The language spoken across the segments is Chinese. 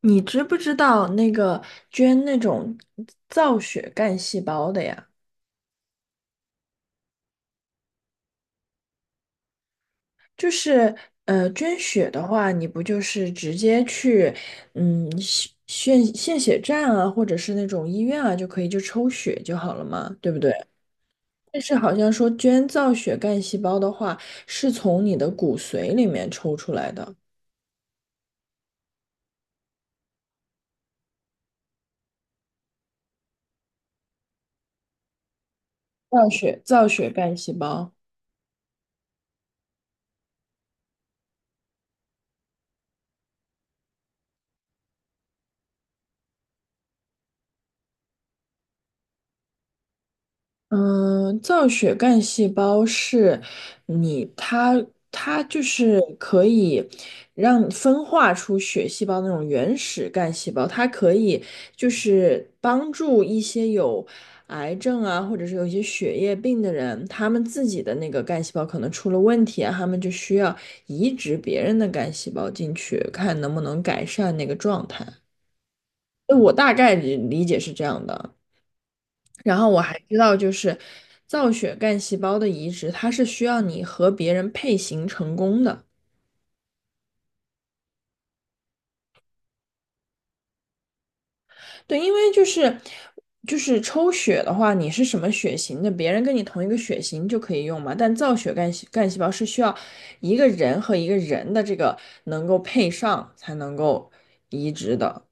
你知不知道那个捐那种造血干细胞的呀？就是捐血的话，你不就是直接去嗯血献献血站啊，或者是那种医院啊，就可以就抽血就好了嘛，对不对？但是好像说捐造血干细胞的话，是从你的骨髓里面抽出来的，造血干细胞。嗯，造血干细胞是你它它就是可以让你分化出血细胞那种原始干细胞，它可以就是帮助一些有癌症啊，或者是有一些血液病的人，他们自己的那个干细胞可能出了问题啊，他们就需要移植别人的干细胞进去，看能不能改善那个状态。我大概理解是这样的。然后我还知道，就是造血干细胞的移植，它是需要你和别人配型成功的。对，因为就是抽血的话，你是什么血型的，别人跟你同一个血型就可以用嘛。但造血干细胞是需要一个人和一个人的这个能够配上才能够移植的。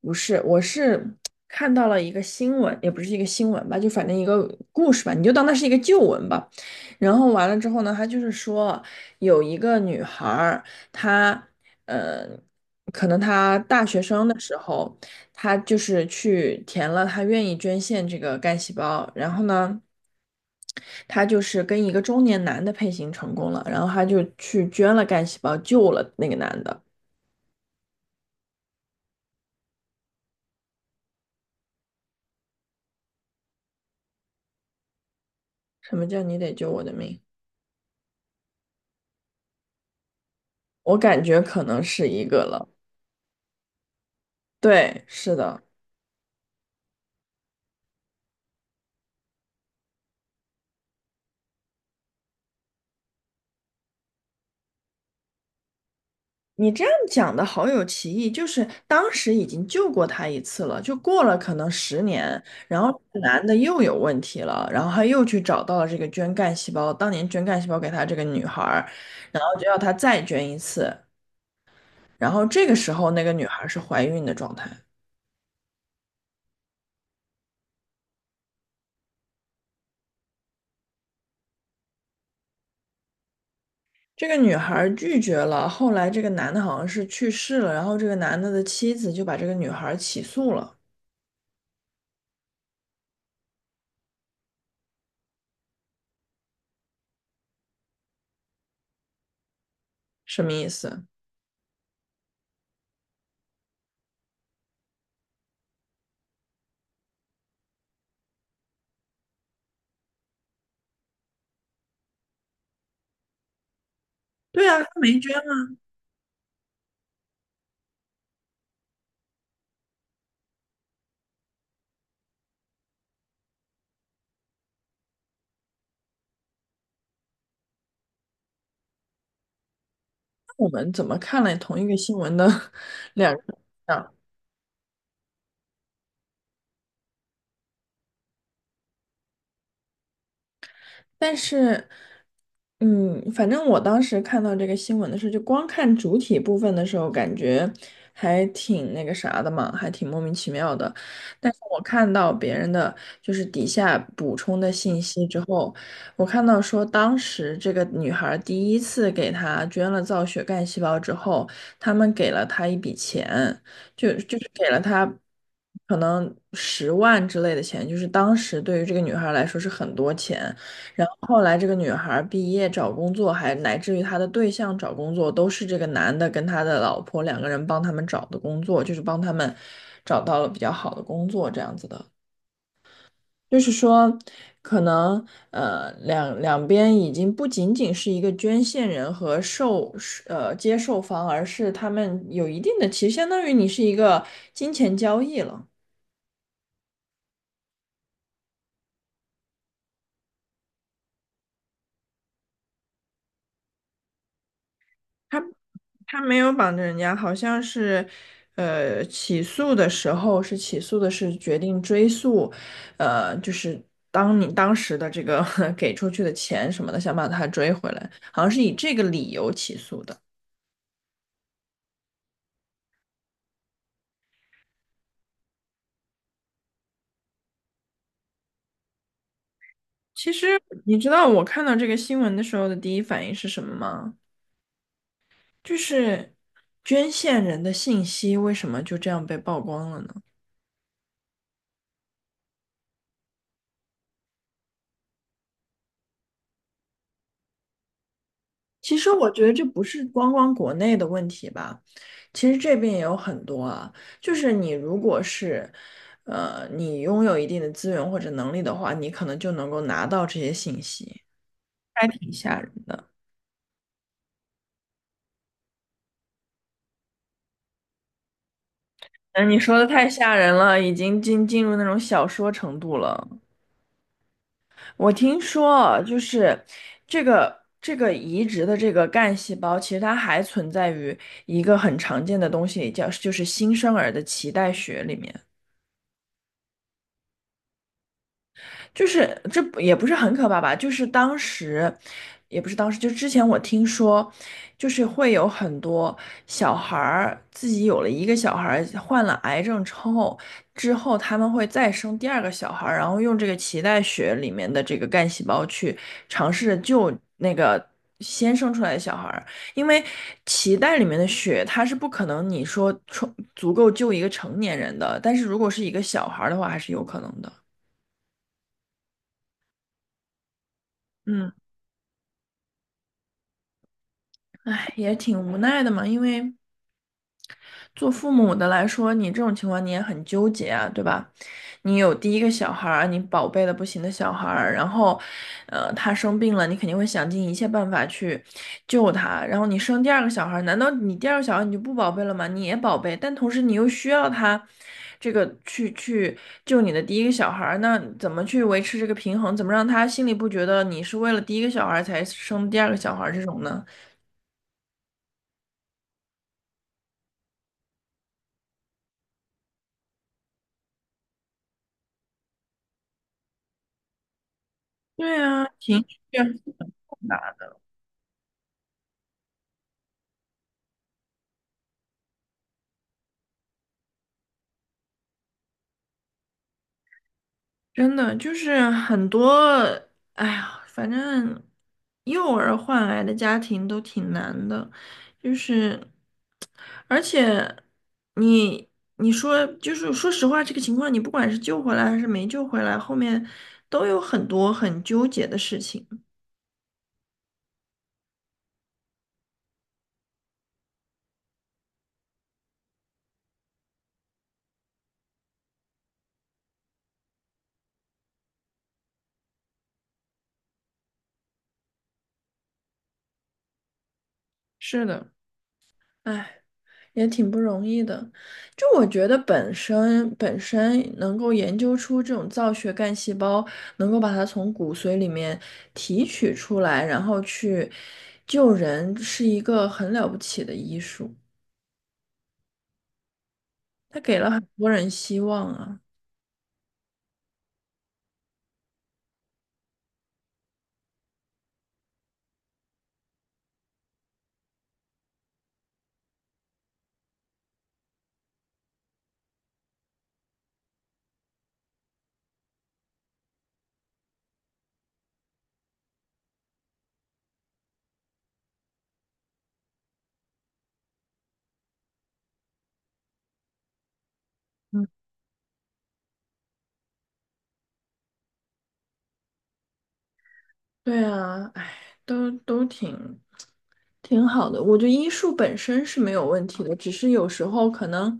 不是，我是看到了一个新闻，也不是一个新闻吧，就反正一个故事吧，你就当它是一个旧闻吧。然后完了之后呢，他就是说有一个女孩儿，她呃，可能她大学生的时候，她就是去填了她愿意捐献这个干细胞，然后呢。她就是跟一个中年男的配型成功了，然后她就去捐了干细胞，救了那个男的。什么叫你得救我的命？我感觉可能是一个了。对，是的，你这样讲的好有歧义，就是当时已经救过他一次了，就过了可能10年，然后这个男的又有问题了，然后他又去找到了这个捐干细胞，当年捐干细胞给他这个女孩儿，然后就要她再捐一次，然后这个时候那个女孩儿是怀孕的状态。这个女孩儿拒绝了，后来这个男的好像是去世了，然后这个男的的妻子就把这个女孩儿起诉了，什么意思？对啊，他没捐。我们怎么看了同一个新闻的 两个？但是，反正我当时看到这个新闻的时候，就光看主体部分的时候，感觉还挺那个啥的嘛，还挺莫名其妙的。但是我看到别人的就是底下补充的信息之后，我看到说当时这个女孩第一次给她捐了造血干细胞之后，他们给了她一笔钱，就是给了她可能10万之类的钱，就是当时对于这个女孩来说是很多钱。然后后来这个女孩儿毕业找工作，还乃至于她的对象找工作，都是这个男的跟他的老婆两个人帮他们找的工作，就是帮他们找到了比较好的工作这样子的。就是说，可能两边已经不仅仅是一个捐献人和接受方，而是他们有一定的，其实相当于你是一个金钱交易了。他。他没有绑着人家，好像是，起诉的时候是起诉的是决定追诉，就是当时的这个 给出去的钱什么的，想把他追回来，好像是以这个理由起诉的。其实你知道我看到这个新闻的时候的第一反应是什么吗？就是捐献人的信息为什么就这样被曝光了呢？其实我觉得这不是光光国内的问题吧，其实这边也有很多啊。就是你如果是，你拥有一定的资源或者能力的话，你可能就能够拿到这些信息，还挺吓人的。嗯，你说的太吓人了，已经进入那种小说程度了。我听说啊就是这个移植的这个干细胞，其实它还存在于一个很常见的东西里，叫就是新生儿的脐带血里面。就是这不也不是很可怕吧？就是当时，也不是当时，就之前我听说，就是会有很多小孩儿自己有了一个小孩儿患了癌症之后，之后他们会再生第二个小孩儿，然后用这个脐带血里面的这个干细胞去尝试着救那个先生出来的小孩儿，因为脐带里面的血它是不可能你说充足够救一个成年人的，但是如果是一个小孩儿的话，还是有可能的。嗯。唉，也挺无奈的嘛，因为做父母的来说，你这种情况你也很纠结啊，对吧？你有第一个小孩儿，你宝贝的不行的小孩儿，然后，他生病了，你肯定会想尽一切办法去救他。然后你生第二个小孩儿，难道你第二个小孩儿你就不宝贝了吗？你也宝贝，但同时你又需要他这个去救你的第一个小孩儿，那怎么去维持这个平衡？怎么让他心里不觉得你是为了第一个小孩儿才生第二个小孩儿这种呢？对啊，情绪。真的就是很多，哎呀，反正幼儿换来的家庭都挺难的，就是，而且你你说就是说实话，这个情况你不管是救回来还是没救回来，后面都有很多很纠结的事情。是的，哎。也挺不容易的。就我觉得本身能够研究出这种造血干细胞，能够把它从骨髓里面提取出来，然后去救人，是一个很了不起的医术。它给了很多人希望啊。嗯对啊，哎，都挺好的。我觉得医术本身是没有问题的，只是有时候可能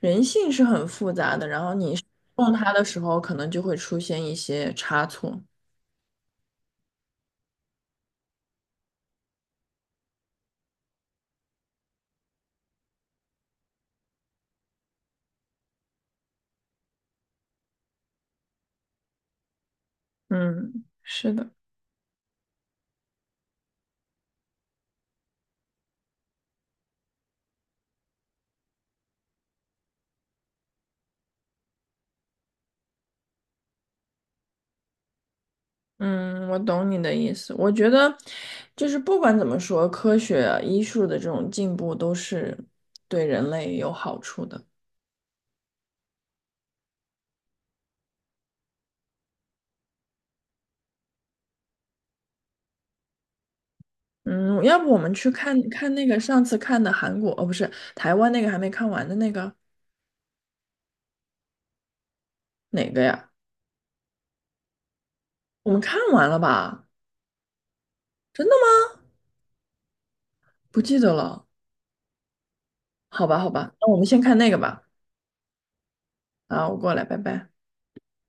人性是很复杂的，然后你用它的时候，可能就会出现一些差错。嗯，是的，嗯，我懂你的意思。我觉得就是不管怎么说，科学啊、医术的这种进步都是对人类有好处的。嗯，要不我们去看看那个上次看的韩国，哦，不是台湾那个还没看完的那个。哪个呀？我们看完了吧？真的吗？不记得了。好吧，好吧，那我们先看那个吧。啊，我过来，拜拜。